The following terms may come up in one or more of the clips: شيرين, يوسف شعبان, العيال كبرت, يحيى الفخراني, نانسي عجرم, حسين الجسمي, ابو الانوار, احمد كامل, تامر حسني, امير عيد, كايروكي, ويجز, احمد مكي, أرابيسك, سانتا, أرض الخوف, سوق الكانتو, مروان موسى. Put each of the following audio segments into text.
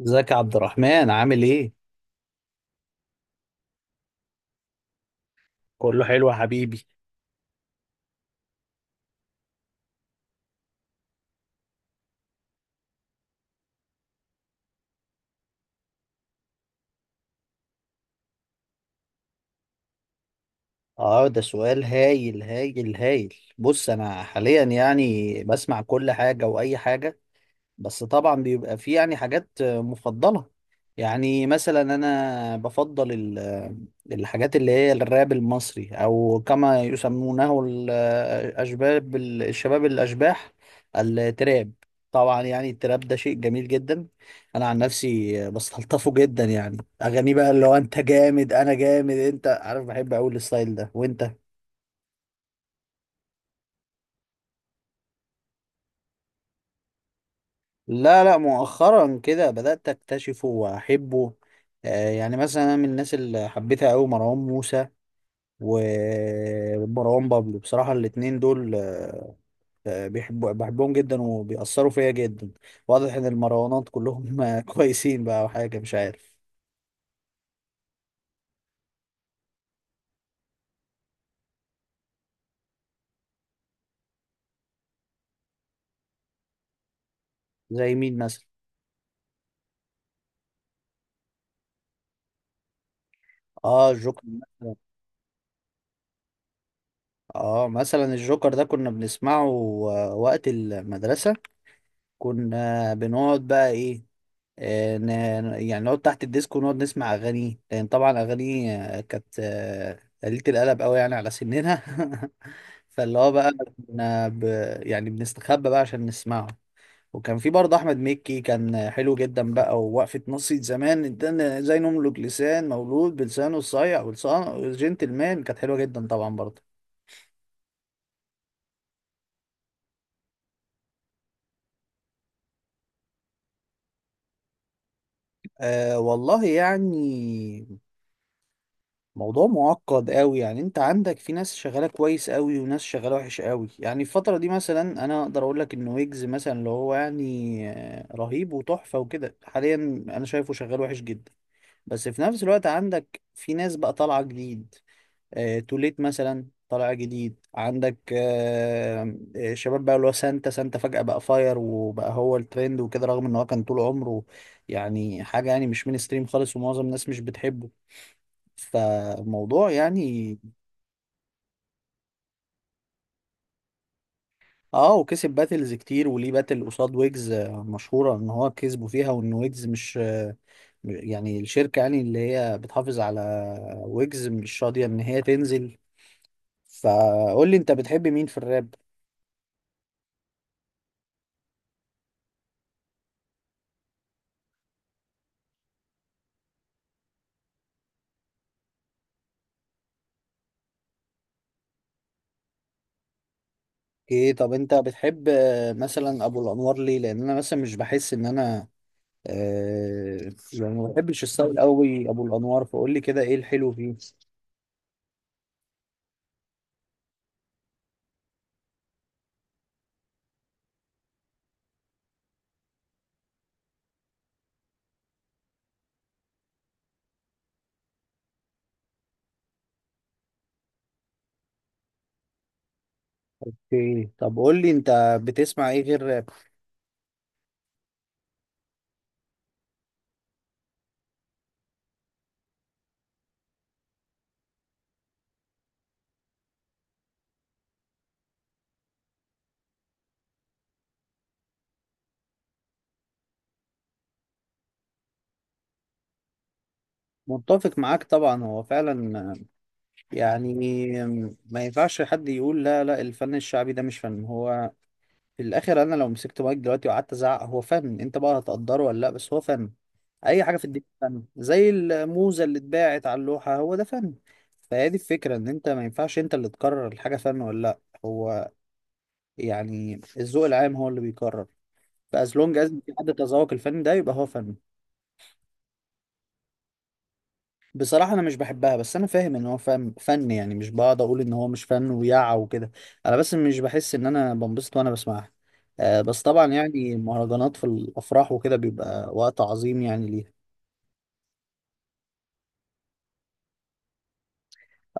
ازيك يا عبد الرحمن؟ عامل ايه؟ كله حلو يا حبيبي. اه، ده سؤال هايل هايل هايل. بص، انا حاليا يعني بسمع كل حاجة واي حاجة. بس طبعا بيبقى في يعني حاجات مفضلة. يعني مثلا انا بفضل الحاجات اللي هي الراب المصري، او كما يسمونه الاشباب الشباب الاشباح، التراب. طبعا يعني التراب ده شيء جميل جدا. انا عن نفسي بستلطفه جدا يعني. اغاني بقى اللي هو انت جامد انا جامد، انت عارف، بحب اقول الستايل ده. وانت، لا لا، مؤخرا كده بدأت أكتشفه وأحبه. يعني مثلا أنا من الناس اللي حبيتها أوي مروان موسى ومروان بابلو. بصراحة الاتنين دول، بحبهم جدا وبيأثروا فيا جدا. واضح إن المروانات كلهم كويسين بقى وحاجة مش عارف. زي مين مثلا؟ اه الجوكر. مثلا. اه مثلا الجوكر ده كنا بنسمعه وقت المدرسة. كنا بنقعد بقى ايه، آه، ن- يعني نقعد تحت الديسك ونقعد نسمع اغاني، لان طبعا اغاني كانت قليلة القلب قوي يعني على سننا فاللي هو بقى كنا ب... يعني بنستخبى بقى عشان نسمعه. وكان في برضه احمد مكي كان حلو جدا بقى، ووقفة نصية زمان ده زي نملك لسان، مولود بلسانه الصايع ولسانه جنتلمان، كانت حلوة جدا طبعا برضه. أه والله يعني موضوع معقد قوي. يعني انت عندك في ناس شغاله كويس قوي وناس شغاله وحش قوي. يعني الفتره دي مثلا انا اقدر اقول لك ان ويجز مثلا اللي هو يعني رهيب وتحفه وكده حاليا. انا شايفه شغال وحش جدا. بس في نفس الوقت عندك في ناس بقى طالعه جديد. توليت مثلا طالع جديد. عندك شباب بقى اللي هو سانتا. سانتا فجأة بقى فاير وبقى هو الترند وكده، رغم ان هو كان طول عمره يعني حاجة يعني مش مين ستريم خالص ومعظم الناس مش بتحبه. فالموضوع يعني. اه، وكسب باتلز كتير وليه باتل قصاد ويجز مشهورة ان هو كسبه فيها، وان ويجز مش يعني الشركة يعني اللي هي بتحافظ على ويجز مش راضية ان هي تنزل. فقول لي انت بتحب مين في الراب؟ ايه؟ طب انت بتحب مثلا ابو الانوار ليه؟ لان انا مثلا مش بحس ان انا يعني ما بحبش الستايل قوي ابو الانوار. فقول لي كده ايه الحلو فيه؟ اوكي، طب قول لي انت بتسمع ايه غير راب؟ متفق معاك طبعا. هو فعلا يعني ما ينفعش حد يقول لا، لا الفن الشعبي ده مش فن. هو في الاخر انا لو مسكت مايك دلوقتي وقعدت ازعق، هو فن. انت بقى هتقدره ولا لا، بس هو فن. اي حاجه في الدنيا فن، زي الموزه اللي اتباعت على اللوحه، هو ده فن. فهي دي الفكره، ان انت ما ينفعش انت اللي تقرر الحاجه فن ولا لا. هو يعني الذوق العام هو اللي بيقرر. فاز لونج از في حد تذوق الفن ده يبقى هو فن. بصراحة أنا مش بحبها، بس أنا فاهم إن هو فن. يعني مش بقعد أقول إن هو مش فن وكده. أنا بس مش بحس إن أنا بنبسط وأنا بسمعها. آه، بس طبعا يعني المهرجانات في الأفراح وكده بيبقى وقت عظيم يعني ليها.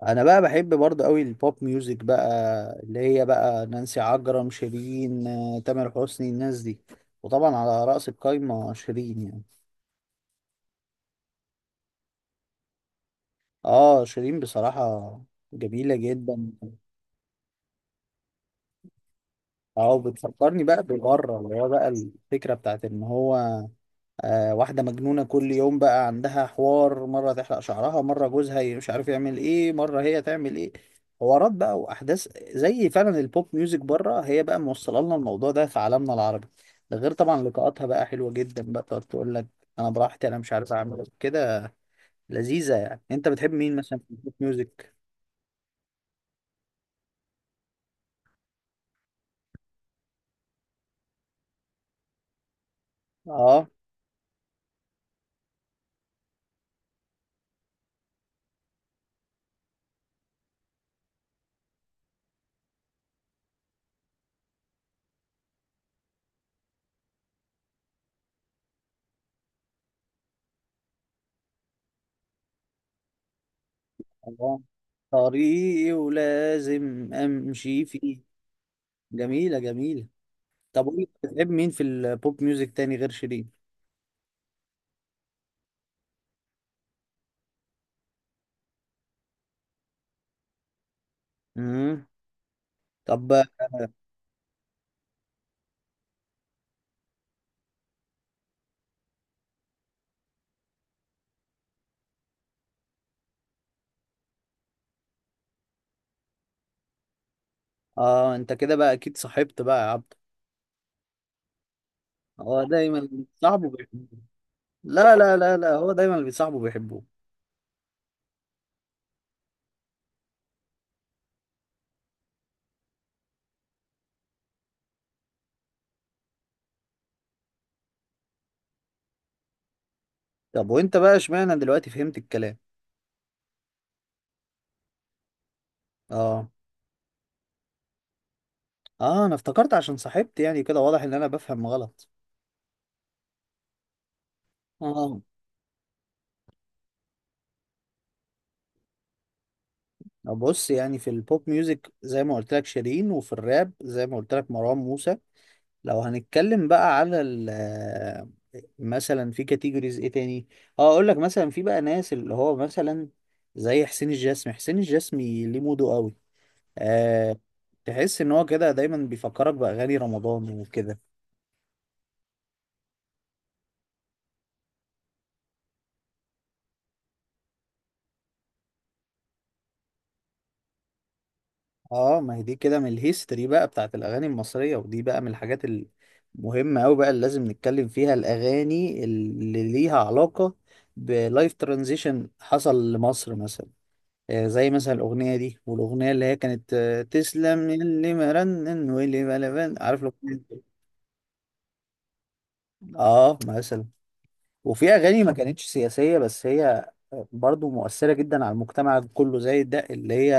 أنا بقى بحب برضه أوي البوب ميوزك بقى، اللي هي بقى نانسي عجرم، شيرين، آه، تامر حسني، الناس دي. وطبعا على رأس القايمة شيرين يعني. آه شيرين بصراحة جميلة جدا. اه بتفكرني بقى ببره اللي هو بقى الفكرة بتاعت ان هو واحدة مجنونة كل يوم بقى عندها حوار، مرة تحلق شعرها، مرة جوزها مش عارف يعمل ايه، مرة هي تعمل ايه. حوارات بقى وأحداث. زي فعلا البوب ميوزك بره، هي بقى موصلة لنا الموضوع ده في عالمنا العربي. ده غير طبعا لقاءاتها بقى حلوة جدا بقى، تقعد تقول لك أنا براحتي، أنا مش عارف أعمل إيه كده. لذيذة يعني. أنت بتحب مين مثلا في البوب ميوزك؟ آه. الله. طريقي ولازم أمشي فيه. جميلة جميلة. طب قولي، بتحب مين في البوب ميوزك تاني غير شيرين؟ مم. طب. اه انت كده بقى اكيد صاحبت بقى يا عبد. هو دايما. صاحبه بيحبه. لا لا لا لا، هو دايما اللي بيصاحبه بيحبه. طب وانت بقى، اشمعنى دلوقتي فهمت الكلام؟ اه. اه انا افتكرت عشان صاحبت يعني، كده واضح ان انا بفهم غلط. اه. طب بص، يعني في البوب ميوزك زي ما قلت لك شيرين، وفي الراب زي ما قلت لك مروان موسى. لو هنتكلم بقى على ال آه، مثلا في كاتيجوريز ايه تاني. اه اقول لك مثلا في بقى ناس اللي هو مثلا زي حسين الجسمي. حسين الجسمي ليه موده قوي. آه. تحس ان هو كده دايما بيفكرك باغاني رمضان وكده. اه، ما هي دي كده من الهيستوري بقى بتاعت الاغاني المصريه، ودي بقى من الحاجات المهمه قوي بقى اللي لازم نتكلم فيها، الاغاني اللي ليها علاقه بلايف ترانزيشن حصل لمصر مثلا. آه زي مثلا الاغنيه دي، والاغنيه اللي هي كانت تسلم اللي مرنن واللي بلبن، عارف الاغنيه دي؟ اه مثلا. وفي اغاني ما كانتش سياسيه بس هي برضو مؤثره جدا على المجتمع كله، زي الدق اللي هي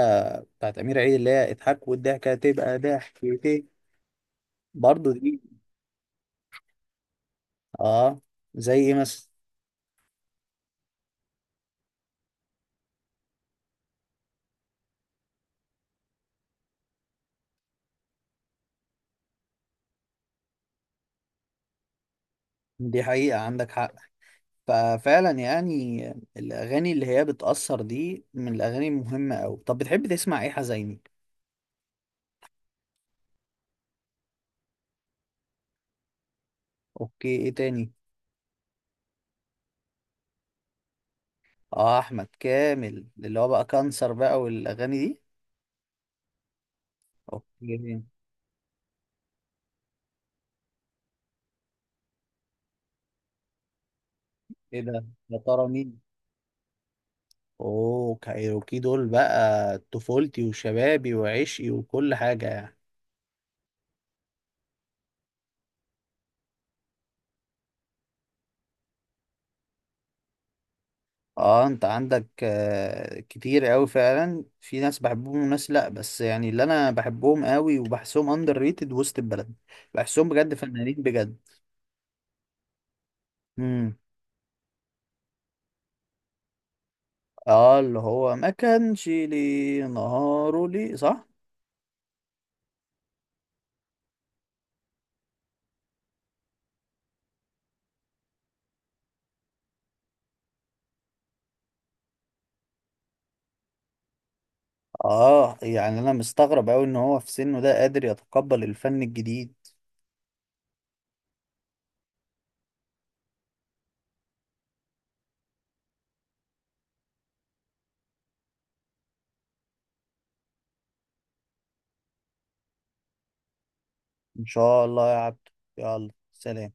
بتاعت امير عيد اللي هي اضحك والضحكه تبقى ضحكتين. برضو دي. اه. زي ايه مثلا؟ دي حقيقه، عندك حق. ففعلا يعني الاغاني اللي هي بتاثر دي من الاغاني المهمه قوي. طب بتحب تسمع ايه حزيني؟ اوكي. ايه تاني؟ اه احمد كامل اللي هو بقى كانسر بقى والاغاني دي. اوكي. ايه ده؟ يا ترى مين؟ اوه كايروكي دول بقى طفولتي وشبابي وعشقي وكل حاجة يعني. اه انت عندك كتير قوي فعلا في ناس بحبهم وناس لا، بس يعني اللي انا بحبهم قوي وبحسهم اندر ريتد وسط البلد. بحسهم بجد فنانين بجد. امم اه اللي هو ما كانش لي نهاره لي صح. اه يعني انا مستغرب قوي ان هو في سنه ده قادر يتقبل الفن الجديد. ان شاء الله يا عبد. يلا سلام.